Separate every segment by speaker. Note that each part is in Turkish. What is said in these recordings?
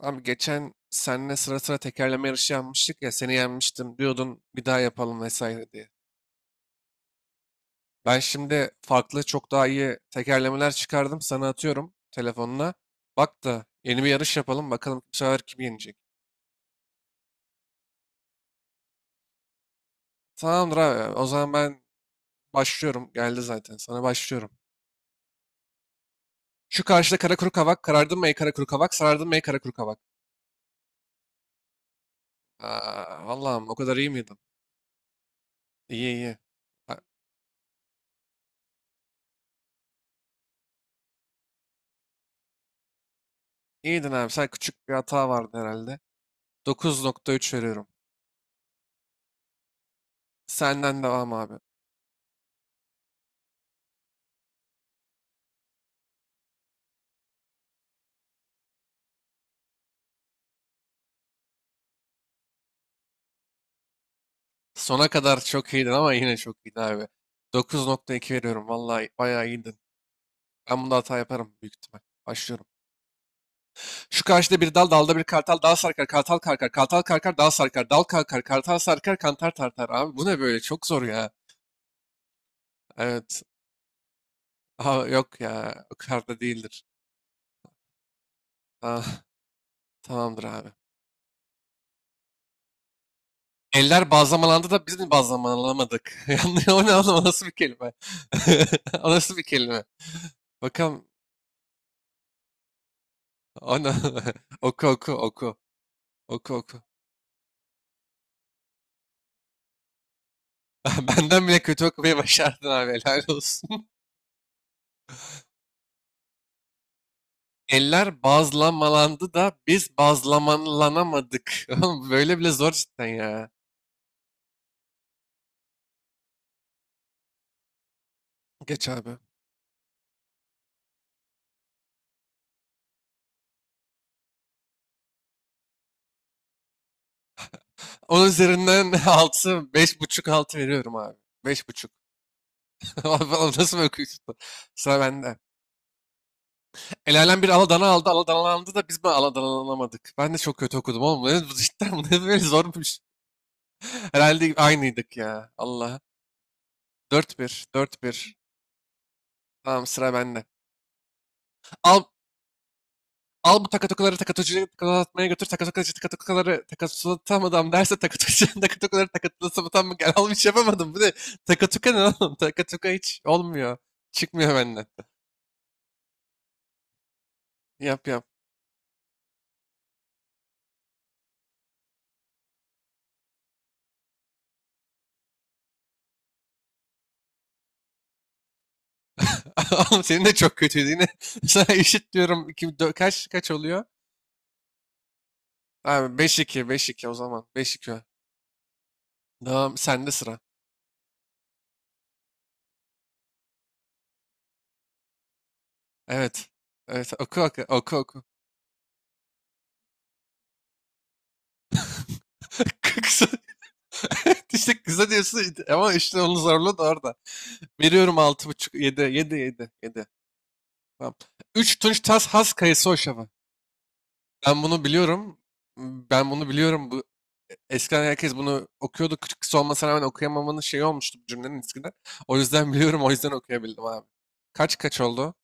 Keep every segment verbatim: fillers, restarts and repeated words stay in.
Speaker 1: Abi geçen seninle sıra sıra tekerleme yarışı yapmıştık ya, seni yenmiştim diyordun, bir daha yapalım vesaire diye. Ben şimdi farklı, çok daha iyi tekerlemeler çıkardım, sana atıyorum telefonuna. Bak da yeni bir yarış yapalım bakalım, bu sefer kim yenecek. Tamamdır abi, o zaman ben başlıyorum, geldi zaten sana, başlıyorum. Şu karşıda kara kuru kavak, karardın mı ey kara kuru kavak, sarardın mı ey kara kuru kavak. Aa, Allah'ım, o kadar iyi miydin? İyi iyi. Ha, İyiydin abi, sen küçük bir hata vardı herhalde. Dokuz nokta üç veriyorum. Senden devam abi. Sona kadar çok iyiydin ama, yine çok iyiydin abi. dokuz nokta iki veriyorum. Vallahi bayağı iyiydin. Ben bunda hata yaparım büyük ihtimal. Başlıyorum. Şu karşıda bir dal, dalda bir kartal, dal sarkar, kartal karkar, kartal karkar, dal sarkar, dal kalkar, kartal sarkar, kantar tartar. Abi bu ne böyle? Çok zor ya. Evet. Aha, yok ya. O kadar da değildir. Ah, tamamdır abi. Eller bazlamalandı da biz mi bazlamalamadık? Yanlış, o ne oğlum? O nasıl bir kelime? O nasıl bir kelime? Bakalım, Ana, oku oku oku oku oku. Benden bile kötü okumayı başardın abi, helal olsun. Eller bazlamalandı da biz bazlamalanamadık. Oğlum, böyle bile zor cidden ya. Geç abi. Onun üzerinden altı, beş buçuk, altı veriyorum abi. Beş buçuk. Oğlum, nasıl okuyorsun? Sıra bende. El alem bir aladana aldı, aladanalandı da biz mi aladanalanamadık? Ben de çok kötü okudum oğlum. Ne- bu, cidden bu ne böyle, zormuş. Herhalde aynıydık ya. Allah. Dört bir, dört bir. Tamam, sıra bende. Al al bu takatokuları takatocuya takatlatmaya götür. Takatokuları takatokuları takatlatamadım derse takatocuya takatokuları takatlatamadım, gel al, bir şey yapamadım. Bu ne? Takatuka ne oğlum? Takatuka hiç olmuyor. Çıkmıyor benden. Yap yap. Oğlum, senin de çok kötüydü yine. Sana eşit diyorum. İki, dö- kaç kaç oluyor? Abi beş iki, beş iki o zaman. beş iki. Tamam, sende sıra. Evet. Evet, oku oku oku oku. Kısa- İşte kısa diyorsun ama, işte onun zorluğu da orada. Veriyorum altı buçuk, yedi, yedi, yedi, yedi. Tamam. Üç Tunç Tas Has Kayısı Hoşafı. Ben bunu biliyorum. Ben bunu biliyorum. Bu, eskiden herkes bunu okuyordu. Kırkısı olmasına rağmen okuyamamanın şeyi olmuştu bu cümlenin eskiden. O yüzden biliyorum. O yüzden okuyabildim abi. Kaç kaç oldu?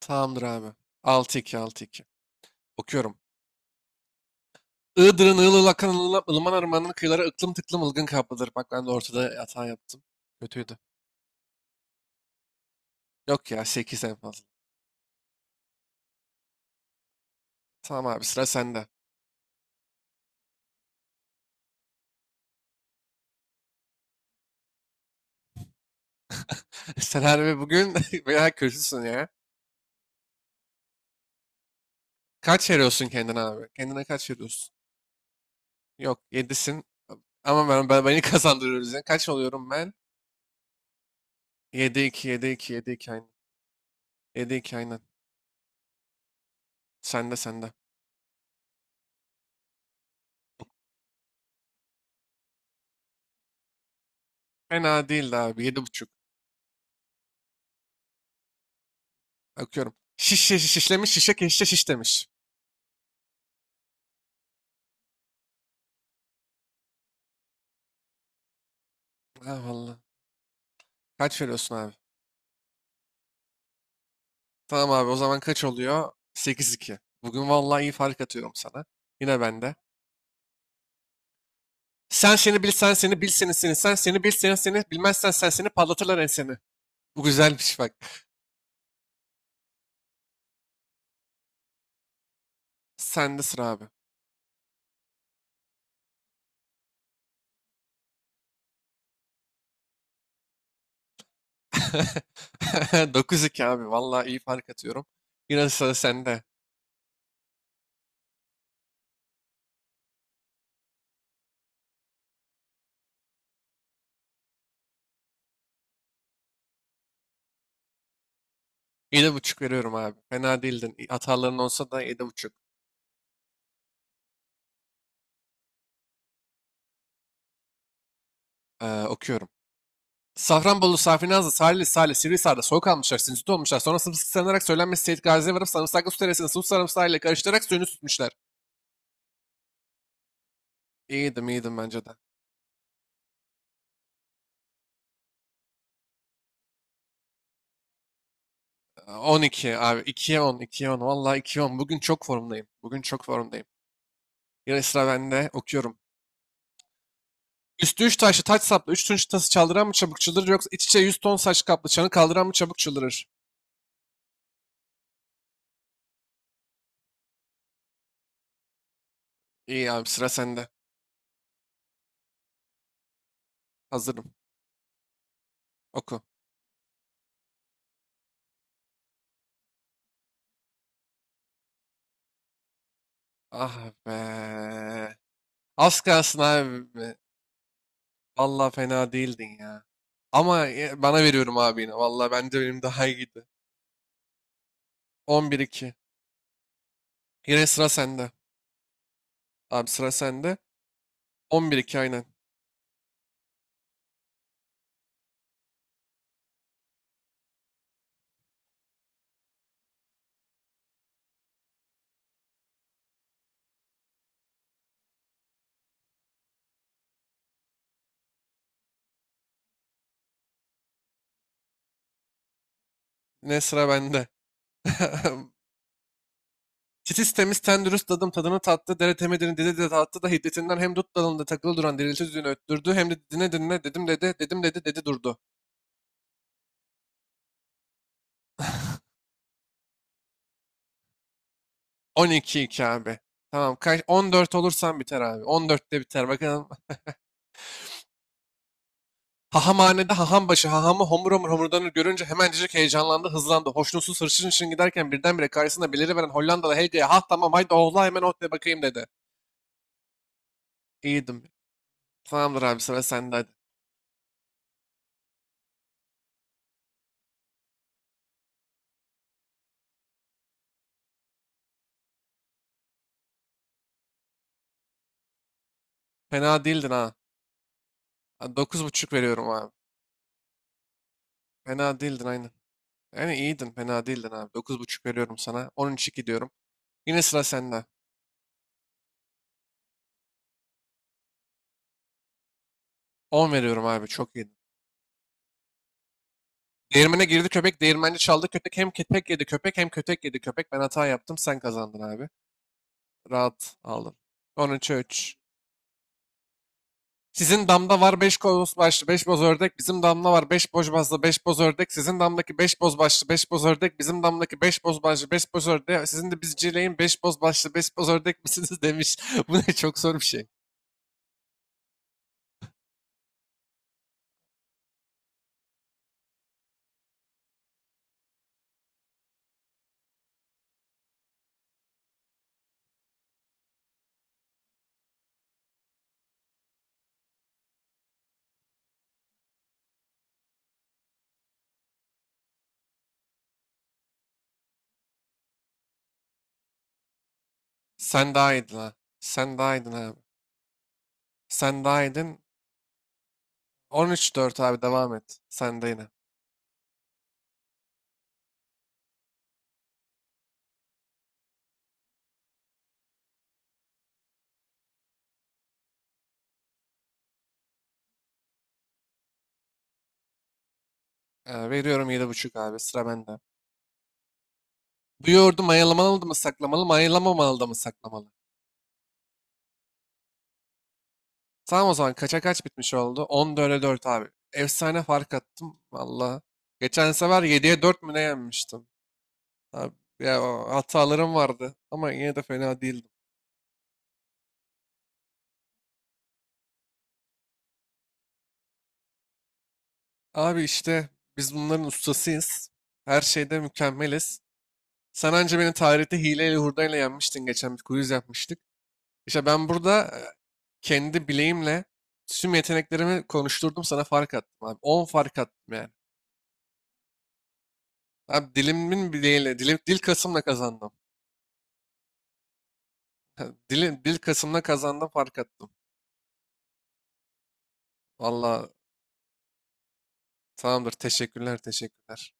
Speaker 1: Tamamdır abi. altı iki, altı iki. Okuyorum. Iğdır'ın ığıl ığıl akan ılıla- ılıman ırmanın kıyıları ıklım tıklım ılgın kaplıdır. Bak, ben de ortada hata yaptım. Kötüydü. Yok ya, sekiz en fazla. Tamam abi, sıra sende. Sen harbi bugün bayağı kötüsün ya. Kaç veriyorsun kendine abi? Kendine kaç veriyorsun? Yok, yedisin. Ama ben, ben beni kazandırıyoruz ya. Kaç oluyorum ben? Yedi iki, yedi iki, yedi iki aynen. yedi iki aynen. Sende, sende. Fena değildi abi. Yedi buçuk. Bakıyorum. Şiş şiş şişlemiş şişe keşişe şiş demiş. Ha vallahi. Kaç veriyorsun abi? Tamam abi, o zaman kaç oluyor? Sekiz iki. Bugün vallahi iyi fark atıyorum sana. Yine bende. Sen seni bil, sen seni bil, seni seni, sen seni bil, seni seni bilmezsen sen seni patlatırlar enseni. Bu güzelmiş bak. Sende sıra abi. Dokuz iki abi. Vallahi iyi fark atıyorum. Yine sıra sende. Yedi buçuk veriyorum abi. Fena değildin. Hataların olsa da yedi buçuk. Ee, okuyorum. Safranbolu, Safinazlı, Salihli, Salih, Sivrihisar'da soğuk almışlar, sinüzit olmuşlar. Sonra sımsıkı sarılarak söylenmesi Seyit Gazi'ye varıp sarımsaklı su teresini sıvı sarımsağı ile karıştırarak suyunu tutmuşlar. İyiydim, iyiydim bence de. Ee, on iki abi. ikiye on, ikiye on. Vallahi ikiye on. Bugün çok formdayım. Bugün çok formdayım. Yine sıra bende. Okuyorum. Üstü üç taşlı taç saplı üç tunç tası çaldıran mı çabuk çıldırır, yoksa iç içe yüz ton saç kaplı çanı kaldıran mı çabuk çıldırır? İyi abi, sıra sende. Hazırım. Oku. Ah be. Az kalsın abi. Vallahi fena değildin ya. Ama ya- bana veriyorum abi yine. Vallahi bence benim daha iyiydi. On bir iki. Yine sıra sende. Abi sıra sende. On bir iki aynen. Yine sıra bende. Titiz temiz ten dürüst dadım tadını tattı, dere temedini dedi de tattı da hiddetinden hem dut dalında takılı duran dirilti düğünü öttürdü, hem de dine dinle dedim dedi dedim dedi dedi durdu. 12 iki iki abi. Tamam, kaç on dört olursan biter abi. on dörtte biter bakalım. Hahamhanede haham başı hahamı homur homur homurdanır görünce hemencecik heyecanlandı, hızlandı. Hoşnutsuz, hırçın için giderken birdenbire karşısında beliriveren Hollandalı Helga'ya, ha tamam, haydi oğla hemen ot bakayım dedi. İyiydim. Tamamdır abi, sıra sende hadi. Fena değildin ha. Dokuz buçuk veriyorum abi. Fena değildin aynen. Yani iyiydin, fena değildin abi. Dokuz buçuk veriyorum sana. On üç iki diyorum. Yine sıra sende. On veriyorum abi, çok iyiydin. Değirmene girdi köpek, değirmenci çaldı köpek. Hem köpek yedi köpek, hem kötek yedi köpek. Ben hata yaptım, sen kazandın abi. Rahat aldın. on üçe üç. Sizin damda var beş boz başlı beş boz ördek. Bizim damda var beş boz başlı beş boz ördek. Sizin damdaki beş boz başlı beş boz ördek. Bizim damdaki beş boz başlı beş boz ördek. Sizin de bizcileyin beş boz başlı beş boz ördek misiniz demiş. Bu ne, çok zor bir şey. Sen daha iyiydin ha. Sen daha iyiydin abi. Sen daha yedin. on üç dört abi, devam et. Sen de yine. Ee, veriyorum yedi buçuk abi. Sıra bende. Bu yoğurdu mayalamalı mı saklamalı, mayalamamalı da mı saklamalı? Tamam o zaman, kaça kaç bitmiş oldu? on dörde dört abi. Efsane fark attım. Valla. Geçen sefer yediye dört mü ne yenmiştim? Abi ya, o hatalarım vardı. Ama yine de fena değildim. Abi işte, biz bunların ustasıyız. Her şeyde mükemmeliz. Sen anca beni tarihte hileyle hurdayla yenmiştin, geçen bir quiz yapmıştık. İşte ben burada e, kendi bileğimle tüm yeteneklerimi konuşturdum, sana fark attım abi. on fark attım yani. Abi dilimin bileğiyle, dilim, dil kasımla kazandım. dil dil kasımla kazandım, fark attım. Valla tamamdır, teşekkürler teşekkürler.